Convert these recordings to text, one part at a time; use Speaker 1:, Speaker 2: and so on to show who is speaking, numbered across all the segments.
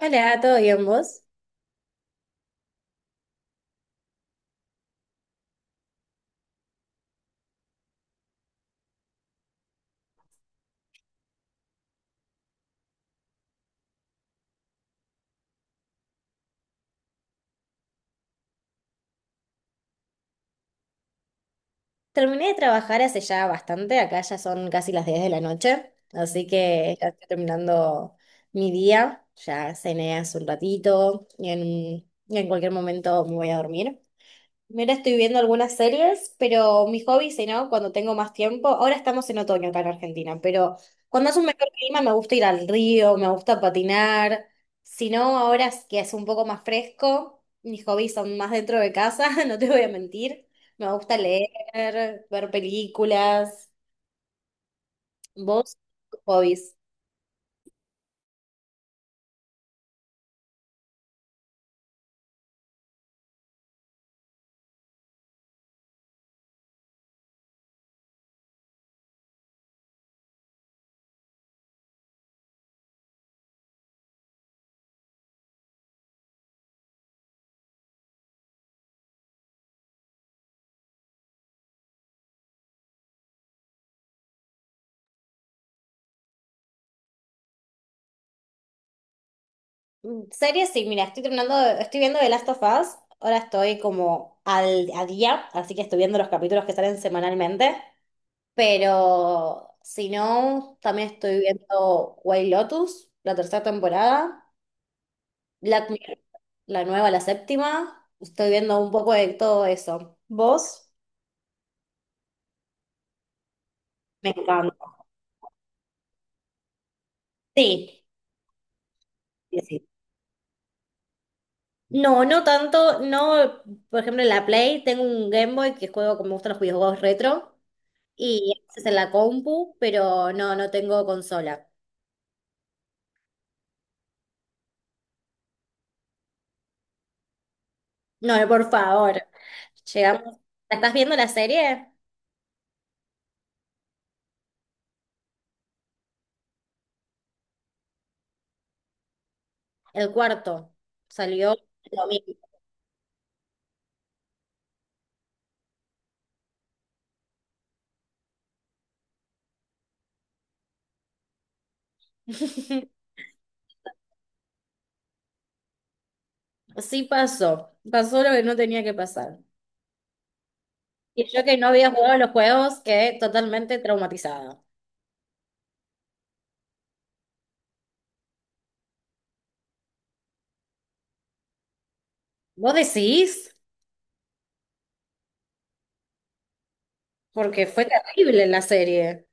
Speaker 1: Hola, ¿todo bien vos? Terminé de trabajar hace ya bastante, acá ya son casi las 10 de la noche, así que ya estoy terminando mi día, ya cené hace un ratito y en cualquier momento me voy a dormir. Mira, estoy viendo algunas series, pero mi hobby, si no, cuando tengo más tiempo, ahora estamos en otoño acá en Argentina, pero cuando hace un mejor clima me gusta ir al río, me gusta patinar, si no, ahora es que es un poco más fresco, mis hobbies son más dentro de casa, no te voy a mentir, me gusta leer, ver películas, vos, tus hobbies. Mm, series, sí, mira, estoy viendo The Last of Us, ahora estoy como al, a día, así que estoy viendo los capítulos que salen semanalmente. Pero si no, también estoy viendo White Lotus, la tercera temporada, Black Mirror, la nueva, la séptima. Estoy viendo un poco de todo eso. ¿Vos? Me encanta. Sí, sí, sí. No, no tanto. No, por ejemplo, en la Play tengo un Game Boy que juego como me gustan los videojuegos retro y a veces en la compu, pero no, no tengo consola. No, por favor. Llegamos. ¿La estás viendo la serie? El cuarto salió lo mismo. Sí pasó, pasó lo que no tenía que pasar. Y yo que no había jugado los juegos quedé totalmente traumatizada. ¿Vos decís? Porque fue terrible la serie.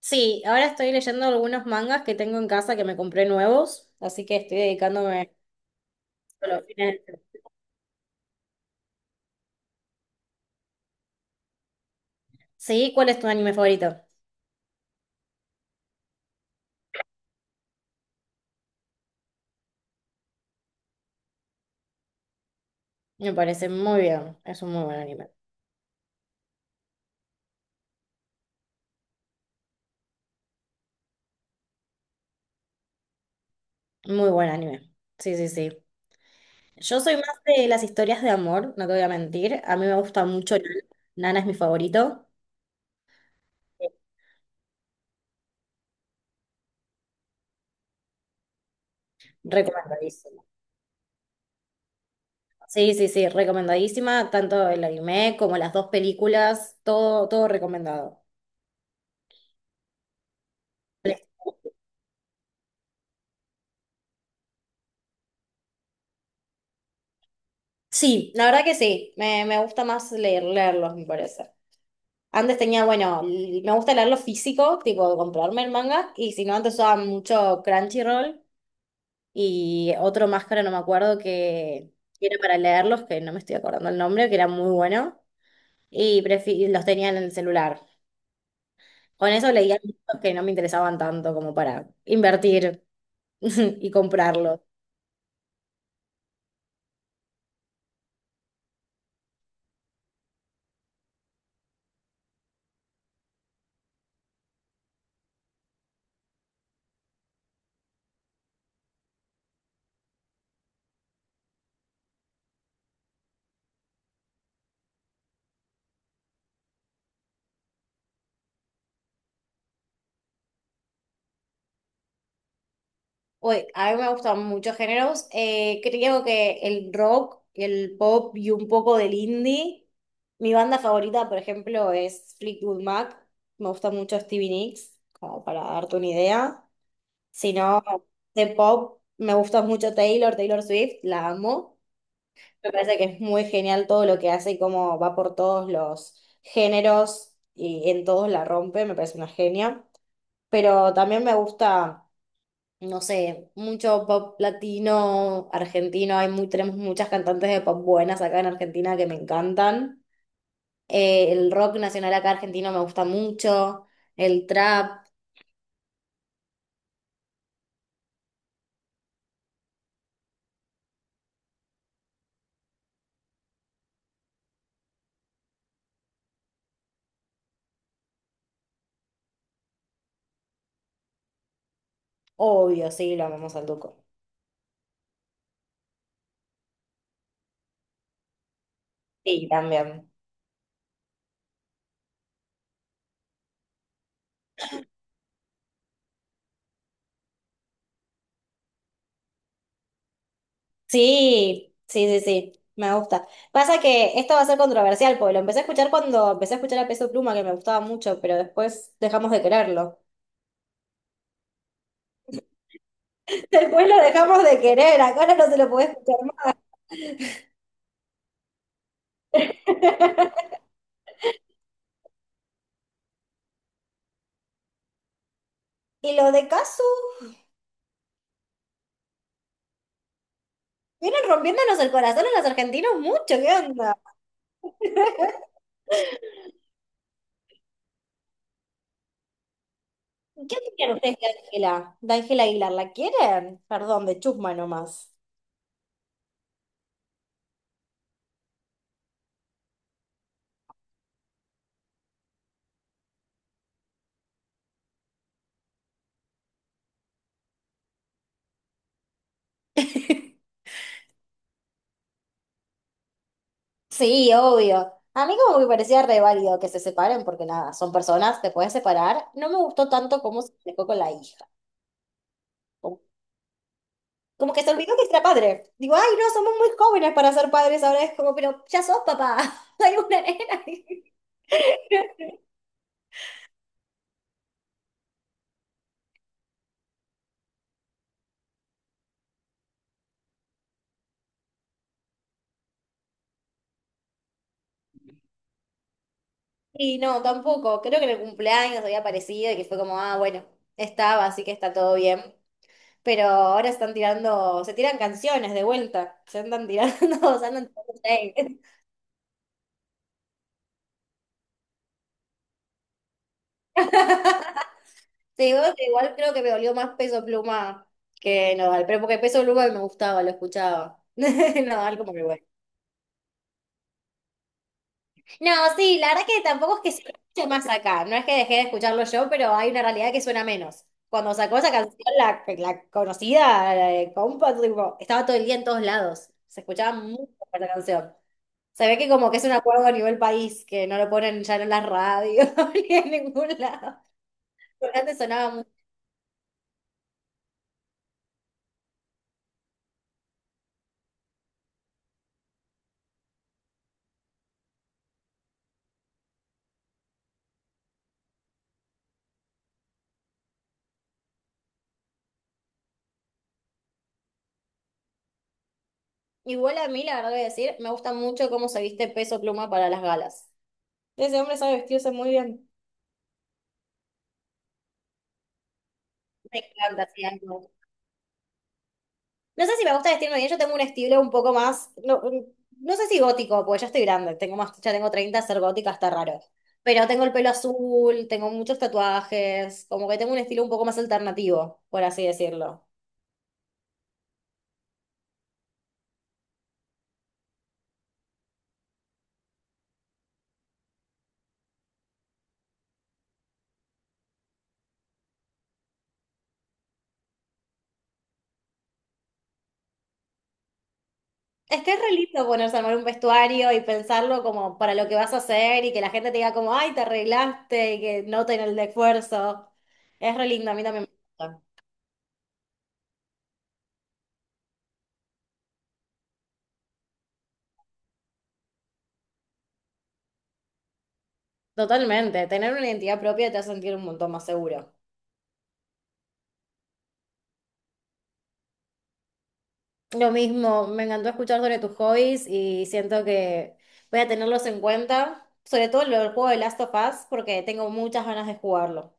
Speaker 1: Sí, ahora estoy leyendo algunos mangas que tengo en casa que me compré nuevos, así que estoy dedicándome a los fines de- Sí, ¿cuál es tu anime favorito? Me parece muy bien, es un muy buen anime, muy buen anime. Sí, sí, sí. Yo soy más de las historias de amor, no te voy a mentir. A mí me gusta mucho Nana. Nana es mi favorito. Recomendadísima. Sí, sí, sí, recomendadísima. Tanto el anime como las dos películas, todo, todo recomendado. Sí, la verdad que sí. Me gusta más leer, leerlos, me parece. Antes tenía, bueno, me gusta leerlo físico, tipo comprarme el manga, y si no, antes usaba mucho Crunchyroll y otro máscara, no me acuerdo, que era para leerlos, que no me estoy acordando el nombre, que era muy bueno. Y los tenía en el celular. Con eso leía libros que no me interesaban tanto como para invertir y comprarlos. Uy, a mí me gustan muchos géneros. Creo que el rock, el pop y un poco del indie. Mi banda favorita, por ejemplo, es Fleetwood Mac. Me gusta mucho Stevie Nicks, como para darte una idea. Si no, de pop, me gusta mucho Taylor Swift, la amo. Me parece que es muy genial todo lo que hace y cómo va por todos los géneros y en todos la rompe, me parece una genia. Pero también me gusta, no sé, mucho pop latino, argentino, hay muy, tenemos muchas cantantes de pop buenas acá en Argentina que me encantan. El rock nacional acá argentino me gusta mucho, el trap, obvio, sí, lo amamos al Duco. Sí, también. Sí, sí, sí, sí, me gusta. Pasa que esto va a ser controversial, porque lo empecé a escuchar cuando empecé a escuchar a Peso Pluma, que me gustaba mucho, pero después dejamos de quererlo. Después lo dejamos de querer, ahora no se lo puede escuchar más. Y lo de Cazzu, vienen rompiéndonos el corazón a los argentinos mucho, ¿qué onda? ¿Qué opinan ustedes de Ángela? ¿De Ángela Aguilar? ¿La quieren? Perdón, de chusma nomás. Sí, obvio. A mí como que me parecía re válido que se separen, porque nada, son personas, te puedes separar. No me gustó tanto cómo se dejó con la hija. Como, como que se olvidó que era padre. Digo, ay, no, somos muy jóvenes para ser padres ahora. Es como, pero ya sos papá. Hay una nena. Y no, tampoco. Creo que en el cumpleaños había aparecido y que fue como, ah, bueno, estaba, así que está todo bien. Pero ahora están tirando, se tiran canciones de vuelta. Se andan tirando, se andan tirando shade. Te digo que igual creo que me dolió más Peso Pluma que Nodal, pero porque Peso Pluma me gustaba, lo escuchaba. Nodal como que bueno. No, sí, la verdad que tampoco es que se escuche más acá, no es que dejé de escucharlo yo, pero hay una realidad que suena menos. Cuando sacó esa canción, la conocida, la de compa, tipo, estaba todo el día en todos lados, se escuchaba mucho esa canción. Se ve que como que es un acuerdo a nivel país, que no lo ponen ya en las radios ni en ningún lado. Pero antes sonaba. Igual a mí, la verdad voy a decir, me gusta mucho cómo se viste Peso Pluma para las galas. Ese hombre sabe vestirse muy bien. Me encanta, sí, a mí me gusta. No sé si me gusta vestirme bien, yo tengo un estilo un poco más, no, no sé si gótico, porque ya estoy grande, tengo más, ya tengo 30, ser gótica está raro. Pero tengo el pelo azul, tengo muchos tatuajes, como que tengo un estilo un poco más alternativo, por así decirlo. Es que es re lindo ponerse a armar un vestuario y pensarlo como para lo que vas a hacer y que la gente te diga como, ay, te arreglaste y que noten el esfuerzo. Es re lindo, a mí también me gusta. Totalmente, tener una identidad propia te hace sentir un montón más seguro. Lo mismo, me encantó escuchar sobre tus hobbies y siento que voy a tenerlos en cuenta, sobre todo el juego de Last of Us, porque tengo muchas ganas de jugarlo.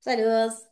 Speaker 1: Saludos.